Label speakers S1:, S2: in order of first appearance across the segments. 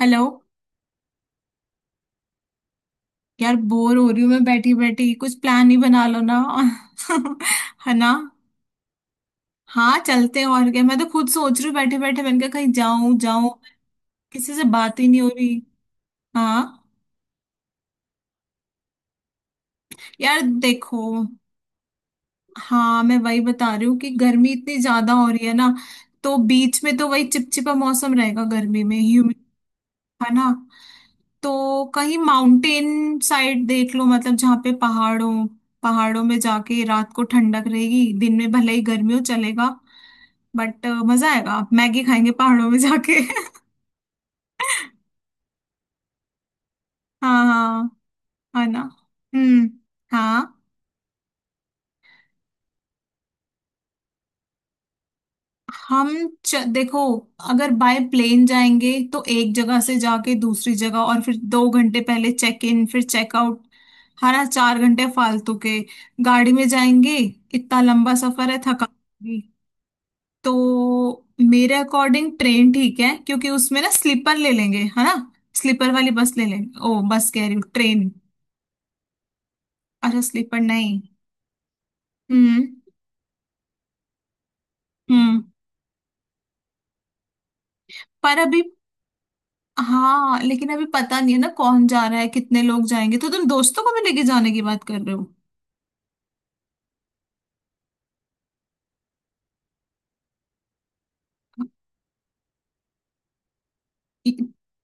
S1: Hello. यार bore हो रही हूँ मैं बैठी बैठी। कुछ प्लान ही बना लो ना। है ना। हाँ चलते हैं और क्या। मैं तो खुद सोच रही हूँ बैठे बैठे। मैंने कहा कहीं जाऊं जाऊं। किसी से बात ही नहीं हो रही। हाँ। यार देखो। हाँ मैं वही बता रही हूँ कि गर्मी इतनी ज्यादा हो रही है ना। तो बीच में तो वही चिपचिपा मौसम रहेगा गर्मी में ह्यूमिड। है ना। तो कहीं माउंटेन साइड देख लो मतलब जहाँ पे पहाड़ों पहाड़ों में जाके रात को ठंडक रहेगी दिन में भले ही गर्मी हो चलेगा। बट मजा आएगा आप मैगी खाएंगे पहाड़ों में जाके। हाँ हाँ। है ना। हम्म। हाँ। हम देखो। अगर बाय प्लेन जाएंगे तो एक जगह से जाके दूसरी जगह और फिर 2 घंटे पहले चेक इन फिर चेकआउट। हरा 4 घंटे फालतू के। गाड़ी में जाएंगे इतना लंबा सफर है थका। तो मेरे अकॉर्डिंग ट्रेन ठीक है क्योंकि उसमें ना स्लीपर ले लेंगे है ना। स्लीपर वाली बस ले लेंगे ओ बस कह रही हूँ ट्रेन। अच्छा स्लीपर नहीं। हम्म हम्म। पर अभी। हाँ लेकिन अभी पता नहीं है ना कौन जा रहा है कितने लोग जाएंगे तो तुम दोस्तों को भी लेके जाने की बात कर रहे हो। इ-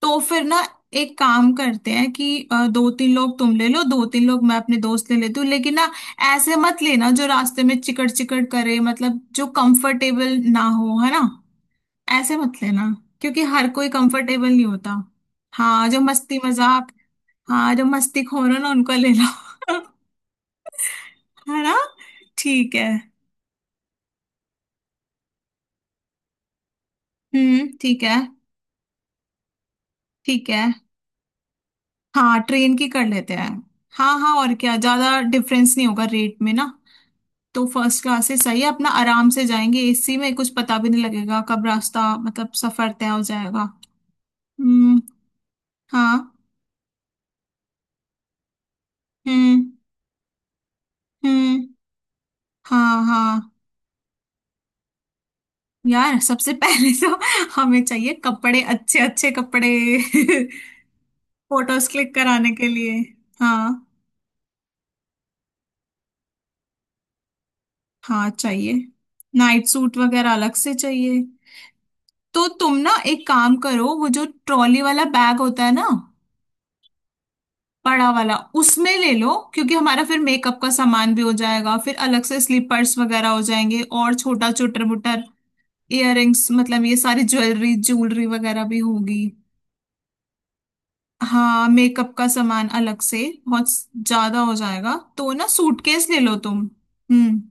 S1: तो फिर ना एक काम करते हैं कि दो तीन लोग तुम ले लो दो तीन लोग मैं अपने दोस्त ले लेती हूँ लेकिन ना ऐसे मत लेना जो रास्ते में चिकट चिकट करे मतलब जो कंफर्टेबल ना हो है ना। ऐसे मत लेना क्योंकि हर कोई कंफर्टेबल नहीं होता। हाँ जो मस्ती मजाक। हाँ जो मस्ती खोर हो ना उनको ले लो। है ना। ठीक है। ठीक है। ठीक है। हाँ ट्रेन की कर लेते हैं। हाँ हाँ और क्या ज्यादा डिफरेंस नहीं होगा रेट में ना। तो फर्स्ट क्लास से सही है अपना आराम से जाएंगे एसी में कुछ पता भी नहीं लगेगा कब रास्ता मतलब सफर तय हो जाएगा। हम्म। हाँ। हम्म हम्म। हाँ हाँ यार सबसे पहले तो। हमें चाहिए कपड़े अच्छे अच्छे कपड़े। फोटोज क्लिक कराने के लिए। हाँ हाँ चाहिए। नाइट सूट वगैरह अलग से चाहिए। तो तुम ना एक काम करो वो जो ट्रॉली वाला बैग होता है ना बड़ा वाला। उसमें ले लो क्योंकि हमारा फिर मेकअप का सामान भी हो जाएगा फिर अलग से स्लीपर्स वगैरह हो जाएंगे और छोटा चुटर मुटर इयररिंग्स मतलब ये सारी ज्वेलरी ज्वेलरी वगैरह भी होगी। हाँ मेकअप का सामान अलग से बहुत ज्यादा हो जाएगा तो ना सूटकेस ले लो तुम। हम्म।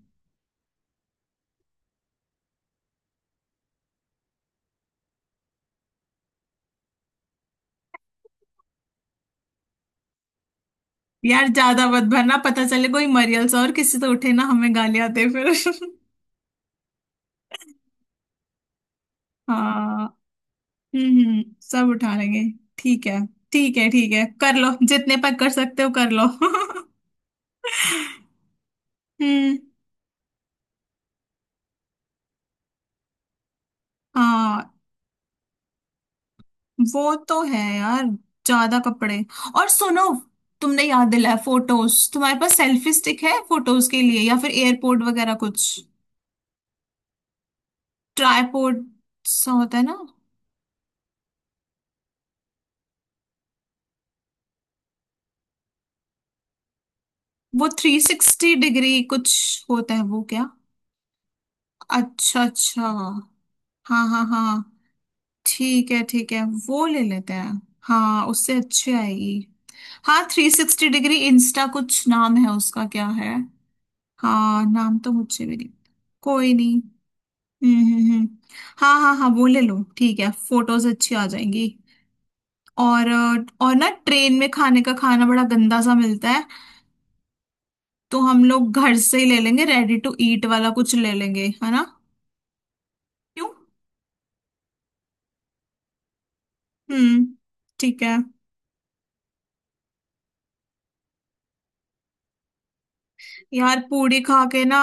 S1: यार ज्यादा मत भरना पता चले कोई मरियल्स और किसी तो उठे ना हमें गालियां दे फिर। हाँ। सब उठा लेंगे। ठीक है। ठीक है ठीक है कर लो जितने पर कर सकते हो कर लो। हम्म। हाँ वो तो है यार ज्यादा कपड़े। और सुनो तुमने याद दिलाया फोटोज तुम्हारे पास सेल्फी स्टिक है फोटोज के लिए या फिर एयरपोर्ट वगैरह कुछ। ट्राईपोड सा होता है ना। वो 360 डिग्री कुछ होता है वो क्या। अच्छा अच्छा। हाँ हाँ हाँ। ठीक है वो ले लेते हैं। हाँ उससे अच्छी आएगी। हाँ 360 डिग्री इंस्टा कुछ नाम है उसका क्या है। हाँ नाम तो मुझे भी नहीं। कोई नहीं। हम्म हम्म हम्म। हाँ हाँ हाँ वो ले लो ठीक है फोटोज अच्छी आ जाएंगी। और और ना ट्रेन में खाने का खाना बड़ा गंदा सा मिलता है। तो हम लोग घर से ही ले लेंगे रेडी टू ईट वाला कुछ ले लेंगे है ना। क्यों। हम्म ठीक है। यार पूड़ी खा के ना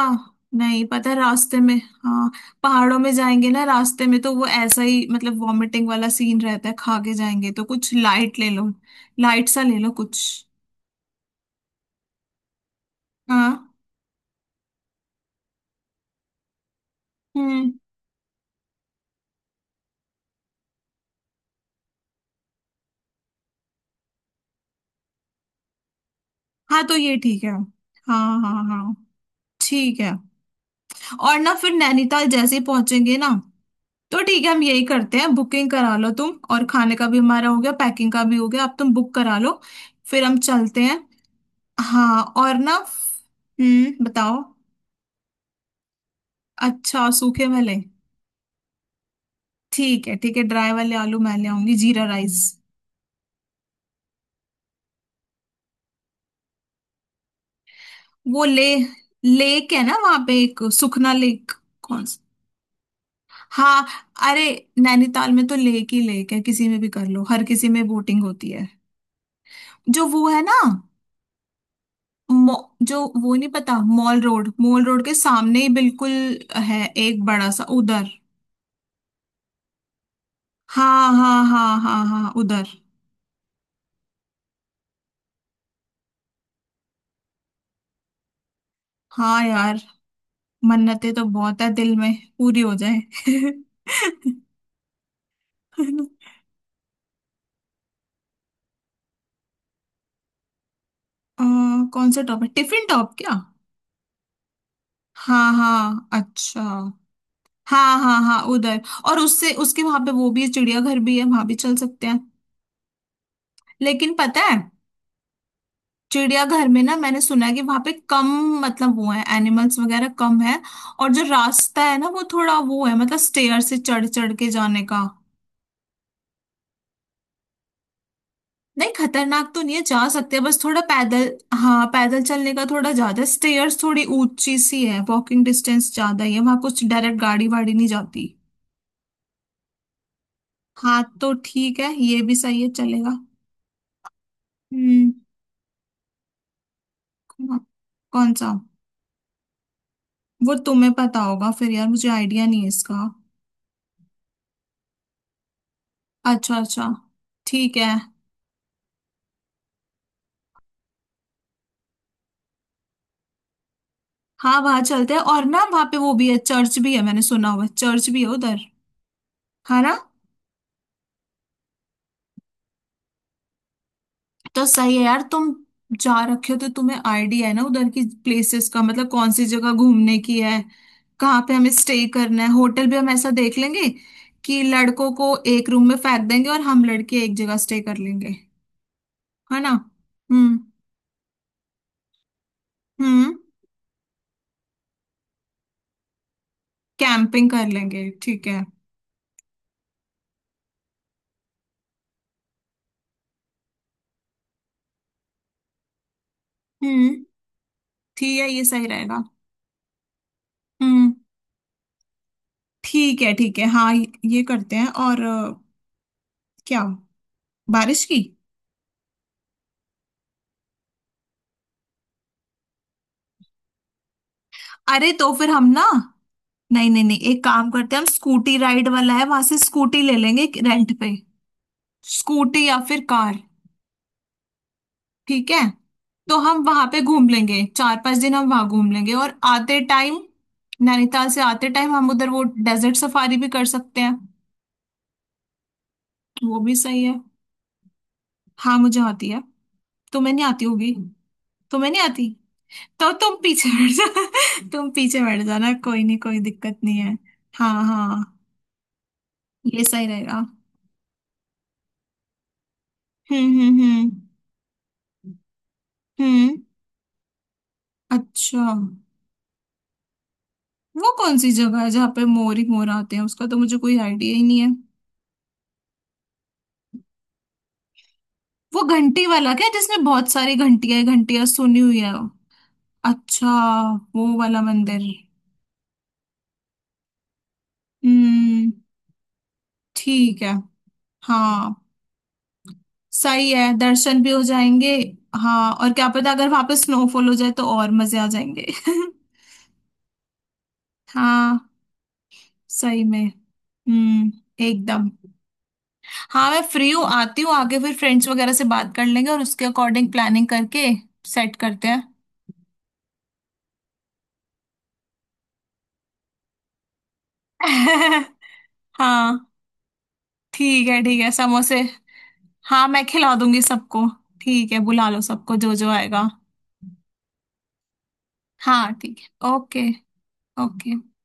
S1: नहीं पता है, रास्ते में। हाँ। पहाड़ों में जाएंगे ना रास्ते में तो वो ऐसा ही मतलब वॉमिटिंग वाला सीन रहता है खा के जाएंगे तो कुछ लाइट ले लो। लाइट सा ले लो कुछ। हाँ। हम्म। हाँ तो ये ठीक है हाँ हाँ हाँ। ठीक है और ना फिर नैनीताल जैसे ही पहुंचेंगे ना तो ठीक है हम यही करते हैं बुकिंग करा लो तुम और खाने का भी हमारा हो गया पैकिंग का भी हो गया अब तुम बुक करा लो। फिर हम चलते हैं। हाँ और ना। बताओ। अच्छा सूखे वाले। ठीक है ड्राई वाले आलू मैं ले आऊंगी जीरा राइस। वो ले लेक है ना वहां पे एक सुखना लेक। कौन सा। हाँ। अरे नैनीताल में तो लेक ही लेक है किसी में भी कर लो हर किसी में बोटिंग होती है। जो वो है ना जो वो नहीं पता मॉल रोड के सामने ही बिल्कुल है एक बड़ा सा उधर। हाँ हाँ हाँ हाँ हाँ उधर। हाँ यार मन्नतें तो बहुत है दिल में पूरी हो जाए। अ, कौन सा टॉप है टिफिन टॉप क्या। हाँ हाँ अच्छा। हाँ हाँ हाँ उधर। और उससे उसके वहां पे वो भी है चिड़ियाघर भी है वहां भी चल सकते हैं। लेकिन पता है चिड़ियाघर में ना मैंने सुना है कि वहां पे कम मतलब वो है एनिमल्स वगैरह कम है। और जो रास्ता है ना वो थोड़ा वो है मतलब स्टेयर से चढ़ चढ़ के जाने का। नहीं खतरनाक तो नहीं है जा सकते हैं बस थोड़ा पैदल। हाँ पैदल चलने का थोड़ा ज्यादा है स्टेयर्स थोड़ी ऊंची सी है वॉकिंग डिस्टेंस ज्यादा ही है वहां कुछ डायरेक्ट गाड़ी वाड़ी नहीं जाती। हाँ तो ठीक है ये भी सही है चलेगा। हम्म। कौन कौन सा। वो तुम्हें पता होगा फिर यार मुझे आइडिया नहीं है इसका। अच्छा अच्छा। ठीक है। हाँ वहाँ चलते हैं और ना वहाँ पे वो भी है चर्च भी है मैंने सुना हुआ है चर्च भी है उधर। है ना। तो सही है यार तुम जा रखे हो तो तुम्हें आइडिया है ना उधर की प्लेसेस का मतलब कौन सी जगह घूमने की है। कहाँ पे हमें स्टे करना है होटल भी हम ऐसा देख लेंगे कि लड़कों को एक रूम में फेंक देंगे और हम लड़के एक जगह स्टे कर लेंगे। है ना। हम्म। हम्म। कैंपिंग कर लेंगे ठीक है। हम्म ठीक है ये सही रहेगा। हम्म। ठीक है हाँ ये करते हैं और क्या। बारिश की। अरे तो फिर हम ना नहीं नहीं नहीं एक काम करते हैं हम स्कूटी राइड वाला है वहां से स्कूटी ले लेंगे रेंट पे। स्कूटी या फिर कार। ठीक है। तो हम वहां पे घूम लेंगे चार पांच दिन हम वहां घूम लेंगे और आते टाइम नैनीताल से आते टाइम हम उधर वो डेजर्ट सफारी भी कर सकते हैं। वो भी सही है। हाँ मुझे आती है। तुम्हें नहीं आती होगी। तुम्हें नहीं आती तो तुम पीछे बैठ जा। तुम पीछे बैठ जाना कोई नहीं कोई दिक्कत नहीं है। हाँ हाँ। ये सही रहेगा। हम्म हम्म हम्म हम्म। अच्छा। वो कौन सी जगह है जहाँ पे मोर ही मोर आते हैं उसका तो मुझे कोई आइडिया ही नहीं है। वो घंटी वाला क्या जिसमें बहुत सारी घंटियां घंटियां सुनी हुई है। अच्छा। वो वाला मंदिर। हम्म। ठीक है हाँ सही है दर्शन भी हो जाएंगे। हाँ और क्या पता अगर वहां पे स्नोफॉल हो जाए तो और मजे आ जाएंगे। हाँ सही में। हम्म। एकदम। हाँ मैं फ्री हूँ आती हूँ आके फिर फ्रेंड्स वगैरह से बात कर लेंगे और उसके अकॉर्डिंग प्लानिंग करके सेट करते हैं। हाँ ठीक है समोसे। हाँ मैं खिला दूंगी सबको। ठीक है बुला लो सबको जो जो आएगा। हाँ ठीक है ओके। ओके।